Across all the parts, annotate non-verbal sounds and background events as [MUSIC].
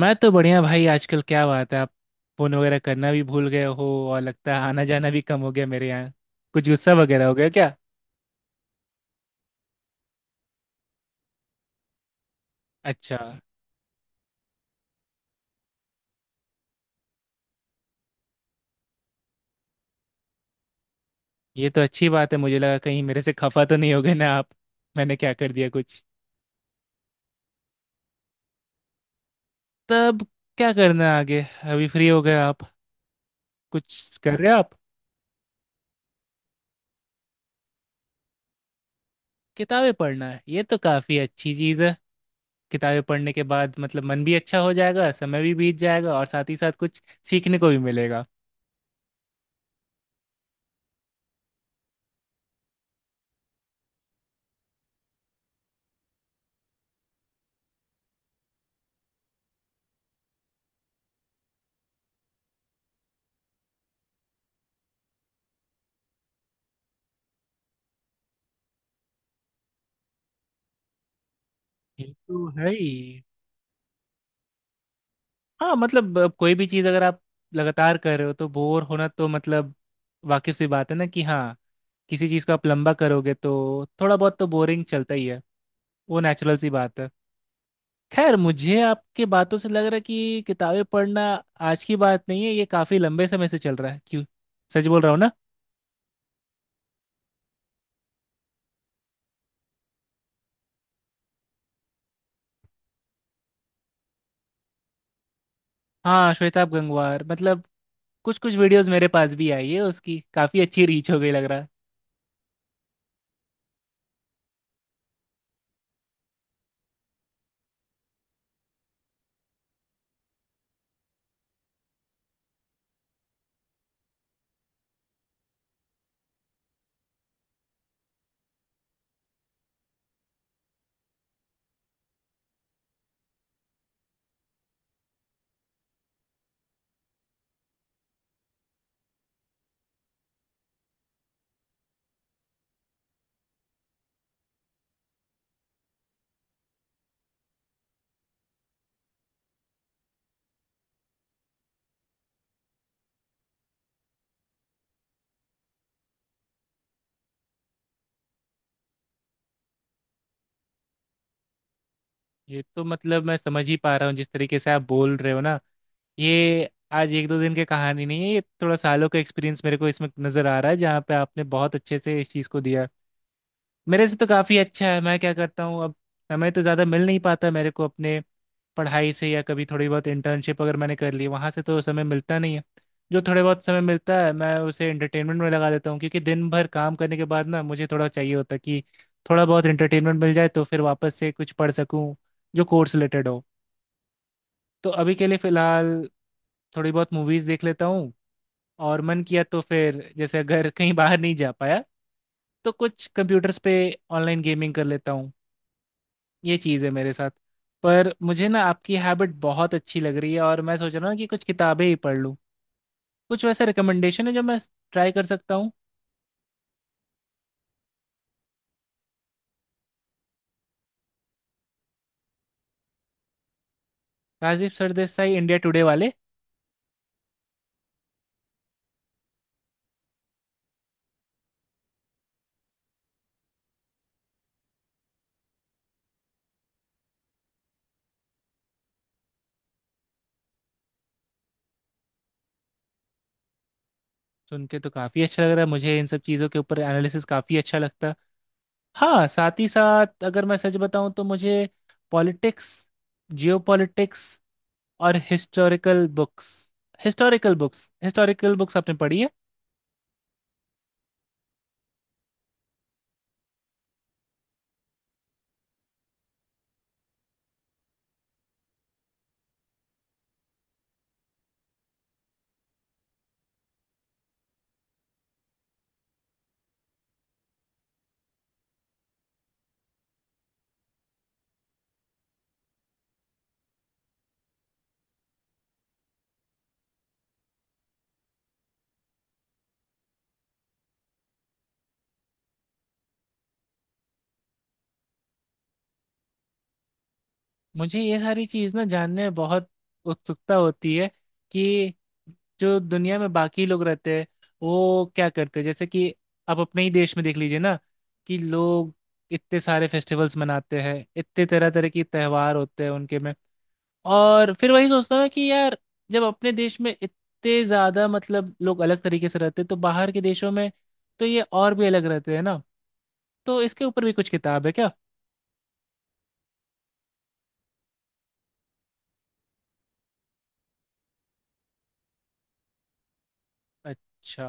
मैं तो बढ़िया भाई। आजकल क्या बात है आप फोन वगैरह करना भी भूल गए हो। और लगता है आना जाना भी कम हो गया मेरे यहाँ। कुछ गुस्सा वगैरह हो गया क्या? अच्छा। ये तो अच्छी बात है। मुझे लगा कहीं मेरे से खफा तो नहीं हो गए ना आप? मैंने क्या कर दिया कुछ? तब क्या करना है आगे? अभी फ्री हो गए आप? कुछ कर रहे हो आप? किताबें पढ़ना है, ये तो काफ़ी अच्छी चीज़ है। किताबें पढ़ने के बाद मतलब मन भी अच्छा हो जाएगा, समय भी बीत जाएगा और साथ ही साथ कुछ सीखने को भी मिलेगा। ये तो है ही। हाँ मतलब कोई भी चीज़ अगर आप लगातार कर रहे हो तो बोर होना तो मतलब वाकिफ सी बात है ना कि हाँ किसी चीज़ को आप लंबा करोगे तो थोड़ा बहुत तो बोरिंग चलता ही है। वो नेचुरल सी बात है। खैर मुझे आपके बातों से लग रहा है कि किताबें पढ़ना आज की बात नहीं है, ये काफ़ी लंबे समय से चल रहा है क्यों? सच बोल रहा हूँ ना? हाँ श्वेताब गंगवार मतलब कुछ कुछ वीडियोस मेरे पास भी आई है उसकी, काफ़ी अच्छी रीच हो गई लग रहा है। ये तो मतलब मैं समझ ही पा रहा हूँ जिस तरीके से आप बोल रहे हो ना, ये आज एक दो दिन की कहानी नहीं है, ये थोड़ा सालों का एक्सपीरियंस मेरे को इसमें नज़र आ रहा है जहाँ पे आपने बहुत अच्छे से इस चीज़ को दिया। मेरे से तो काफ़ी अच्छा है। मैं क्या करता हूँ अब, समय तो ज़्यादा मिल नहीं पाता मेरे को अपने पढ़ाई से या कभी थोड़ी बहुत इंटर्नशिप अगर मैंने कर ली, वहाँ से तो समय मिलता नहीं है। जो थोड़े बहुत समय मिलता है मैं उसे एंटरटेनमेंट में लगा देता हूँ क्योंकि दिन भर काम करने के बाद ना मुझे थोड़ा चाहिए होता है कि थोड़ा बहुत एंटरटेनमेंट मिल जाए तो फिर वापस से कुछ पढ़ सकूँ जो कोर्स रिलेटेड हो। तो अभी के लिए फ़िलहाल थोड़ी बहुत मूवीज़ देख लेता हूँ और मन किया तो फिर जैसे अगर कहीं बाहर नहीं जा पाया तो कुछ कंप्यूटर्स पे ऑनलाइन गेमिंग कर लेता हूँ। ये चीज़ है मेरे साथ। पर मुझे ना आपकी हैबिट बहुत अच्छी लग रही है और मैं सोच रहा हूँ कि कुछ किताबें ही पढ़ लूँ। कुछ वैसे रिकमेंडेशन है जो मैं ट्राई कर सकता हूँ? राजीव सरदेसाई इंडिया टुडे वाले? सुन के तो काफ़ी अच्छा लग रहा है, मुझे इन सब चीज़ों के ऊपर एनालिसिस काफ़ी अच्छा लगता है। हाँ साथ ही साथ अगर मैं सच बताऊँ तो मुझे पॉलिटिक्स, जियोपॉलिटिक्स और हिस्टोरिकल बुक्स आपने पढ़ी है? मुझे ये सारी चीज़ ना जानने में बहुत उत्सुकता होती है कि जो दुनिया में बाकी लोग रहते हैं वो क्या करते हैं। जैसे कि आप अपने ही देश में देख लीजिए ना कि लोग इतने सारे फेस्टिवल्स मनाते हैं, इतने तरह तरह के त्यौहार होते हैं उनके में। और फिर वही सोचता हूँ कि यार जब अपने देश में इतने ज़्यादा मतलब लोग अलग तरीके से रहते हैं तो बाहर के देशों में तो ये और भी अलग रहते हैं ना। तो इसके ऊपर भी कुछ किताब है क्या? अच्छा।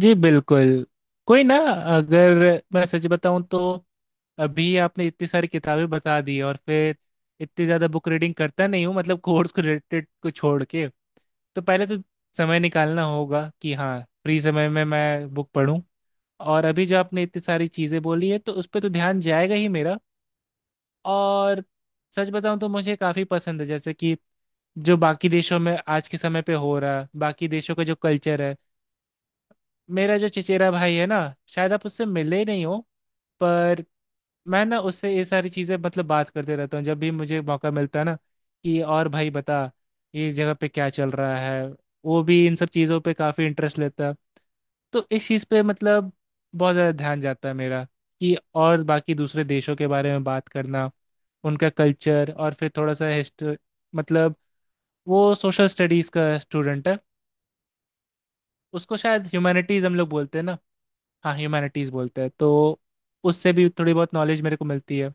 जी बिल्कुल। कोई ना। अगर मैं सच बताऊं तो अभी आपने इतनी सारी किताबें बता दी और फिर इतनी ज़्यादा बुक रीडिंग करता नहीं हूँ मतलब कोर्स को रिलेटेड को छोड़ के। तो पहले तो समय निकालना होगा कि हाँ फ्री समय में मैं बुक पढूं। और अभी जो आपने इतनी सारी चीज़ें बोली है तो उस पर तो ध्यान जाएगा ही मेरा। और सच बताऊं तो मुझे काफ़ी पसंद है जैसे कि जो बाकी देशों में आज के समय पे हो रहा है, बाकी देशों का जो कल्चर है। मेरा जो चचेरा भाई है ना, शायद आप उससे मिले ही नहीं हो, पर मैं ना उससे ये सारी चीज़ें मतलब बात करते रहता हूँ जब भी मुझे मौका मिलता है ना कि और भाई बता ये जगह पे क्या चल रहा है। वो भी इन सब चीज़ों पे काफ़ी इंटरेस्ट लेता है। तो इस चीज़ पे मतलब बहुत ज़्यादा ध्यान जाता है मेरा कि और बाकी दूसरे देशों के बारे में बात करना, उनका कल्चर और फिर थोड़ा सा हिस्ट मतलब वो सोशल स्टडीज़ का स्टूडेंट है। उसको शायद ह्यूमैनिटीज़ हम लोग बोलते हैं ना। हाँ ह्यूमैनिटीज बोलते हैं तो उससे भी थोड़ी बहुत नॉलेज मेरे को मिलती है।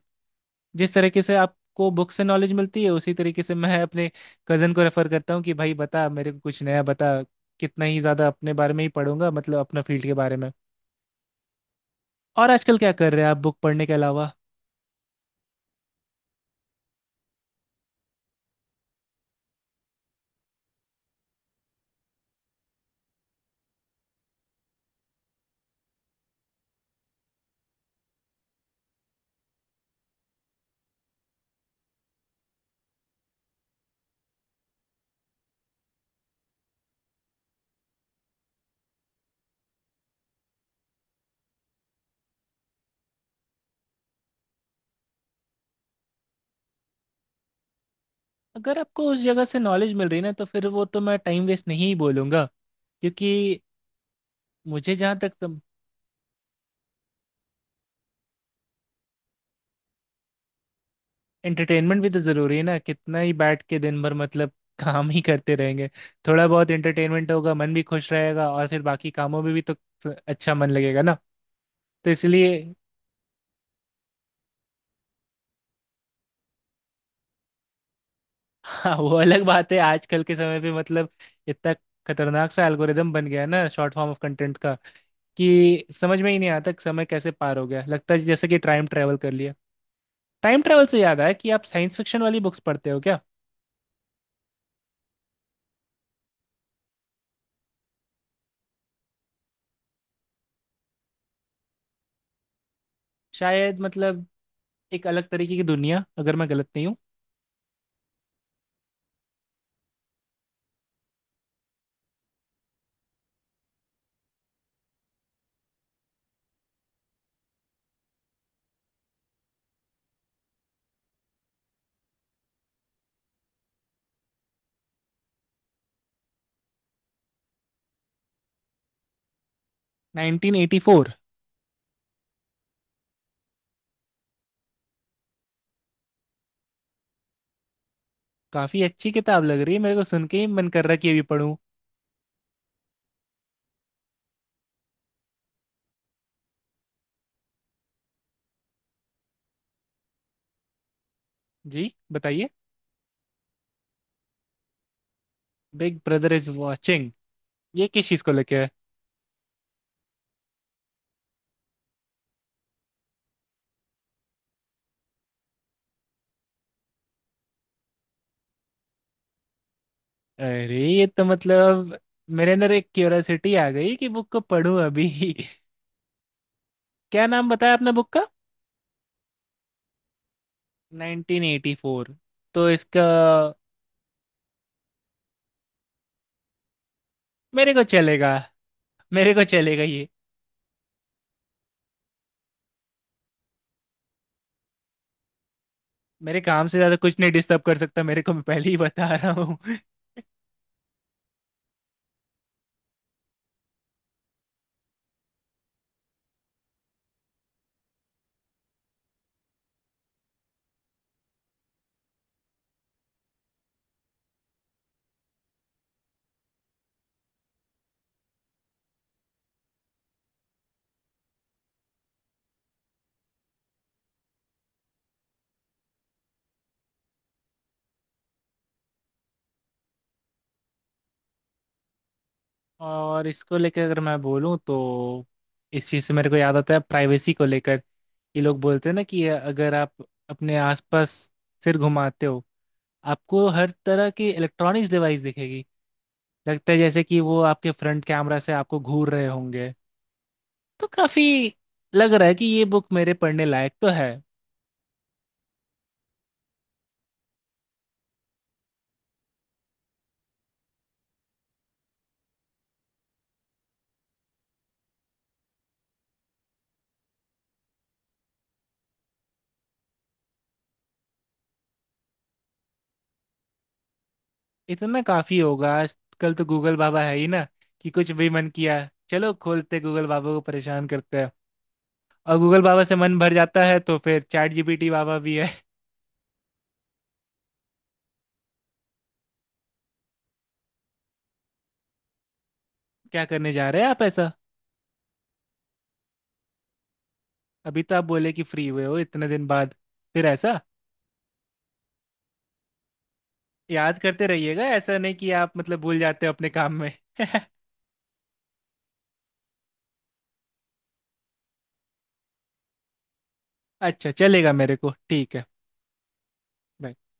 जिस तरीके से आपको बुक से नॉलेज मिलती है उसी तरीके से मैं अपने कज़न को रेफर करता हूँ कि भाई बता मेरे को कुछ नया बता। कितना ही ज़्यादा अपने बारे में ही पढ़ूंगा मतलब अपना फील्ड के बारे में। और आजकल क्या कर रहे हैं आप बुक पढ़ने के अलावा? अगर आपको उस जगह से नॉलेज मिल रही है ना तो फिर वो तो मैं टाइम वेस्ट नहीं बोलूंगा क्योंकि मुझे जहाँ तक एंटरटेनमेंट भी तो जरूरी है ना, कितना ही बैठ के दिन भर मतलब [LAUGHS] काम ही करते रहेंगे। थोड़ा बहुत एंटरटेनमेंट होगा मन भी खुश रहेगा और फिर बाकी कामों में भी तो अच्छा मन लगेगा ना। तो इसलिए [LAUGHS] हाँ वो अलग बात है। आजकल के समय पे मतलब इतना खतरनाक सा एल्गोरिदम बन गया है ना शॉर्ट फॉर्म ऑफ कंटेंट का कि समझ में ही नहीं आता कि समय कैसे पार हो गया, लगता है जैसे कि टाइम ट्रेवल कर लिया। टाइम ट्रेवल से याद आया कि आप साइंस फिक्शन वाली बुक्स पढ़ते हो क्या? शायद मतलब एक अलग तरीके की दुनिया, अगर मैं गलत नहीं हूँ। 1984? काफी अच्छी किताब लग रही है, मेरे को सुन के ही मन कर रहा है कि अभी पढूं। जी बताइए। Big brother is watching. ये किस चीज को लेके है? अरे ये तो मतलब मेरे अंदर एक क्यूरियोसिटी आ गई कि बुक को पढूं अभी। [LAUGHS] क्या नाम बताया आपने बुक का? 1984? तो इसका, मेरे को चलेगा, मेरे को चलेगा ये। मेरे काम से ज्यादा कुछ नहीं डिस्टर्ब कर सकता मेरे को, मैं पहले ही बता रहा हूँ। [LAUGHS] और इसको लेकर अगर मैं बोलूँ तो इस चीज़ से मेरे को याद आता है प्राइवेसी को लेकर। ये लोग बोलते हैं ना कि अगर आप अपने आसपास सिर घुमाते हो आपको हर तरह की इलेक्ट्रॉनिक्स डिवाइस दिखेगी, लगता है जैसे कि वो आपके फ्रंट कैमरा से आपको घूर रहे होंगे। तो काफ़ी लग रहा है कि ये बुक मेरे पढ़ने लायक तो है। इतना काफ़ी होगा, आजकल तो गूगल बाबा है ही ना, कि कुछ भी मन किया चलो खोलते गूगल बाबा को परेशान करते हैं। और गूगल बाबा से मन भर जाता है तो फिर चैट जीपीटी बाबा भी है। [LAUGHS] क्या करने जा रहे हैं आप ऐसा? अभी तो आप बोले कि फ्री हुए हो इतने दिन बाद। फिर ऐसा याद करते रहिएगा, ऐसा नहीं कि आप मतलब भूल जाते हो अपने काम में। [LAUGHS] अच्छा चलेगा मेरे को, ठीक है। bye।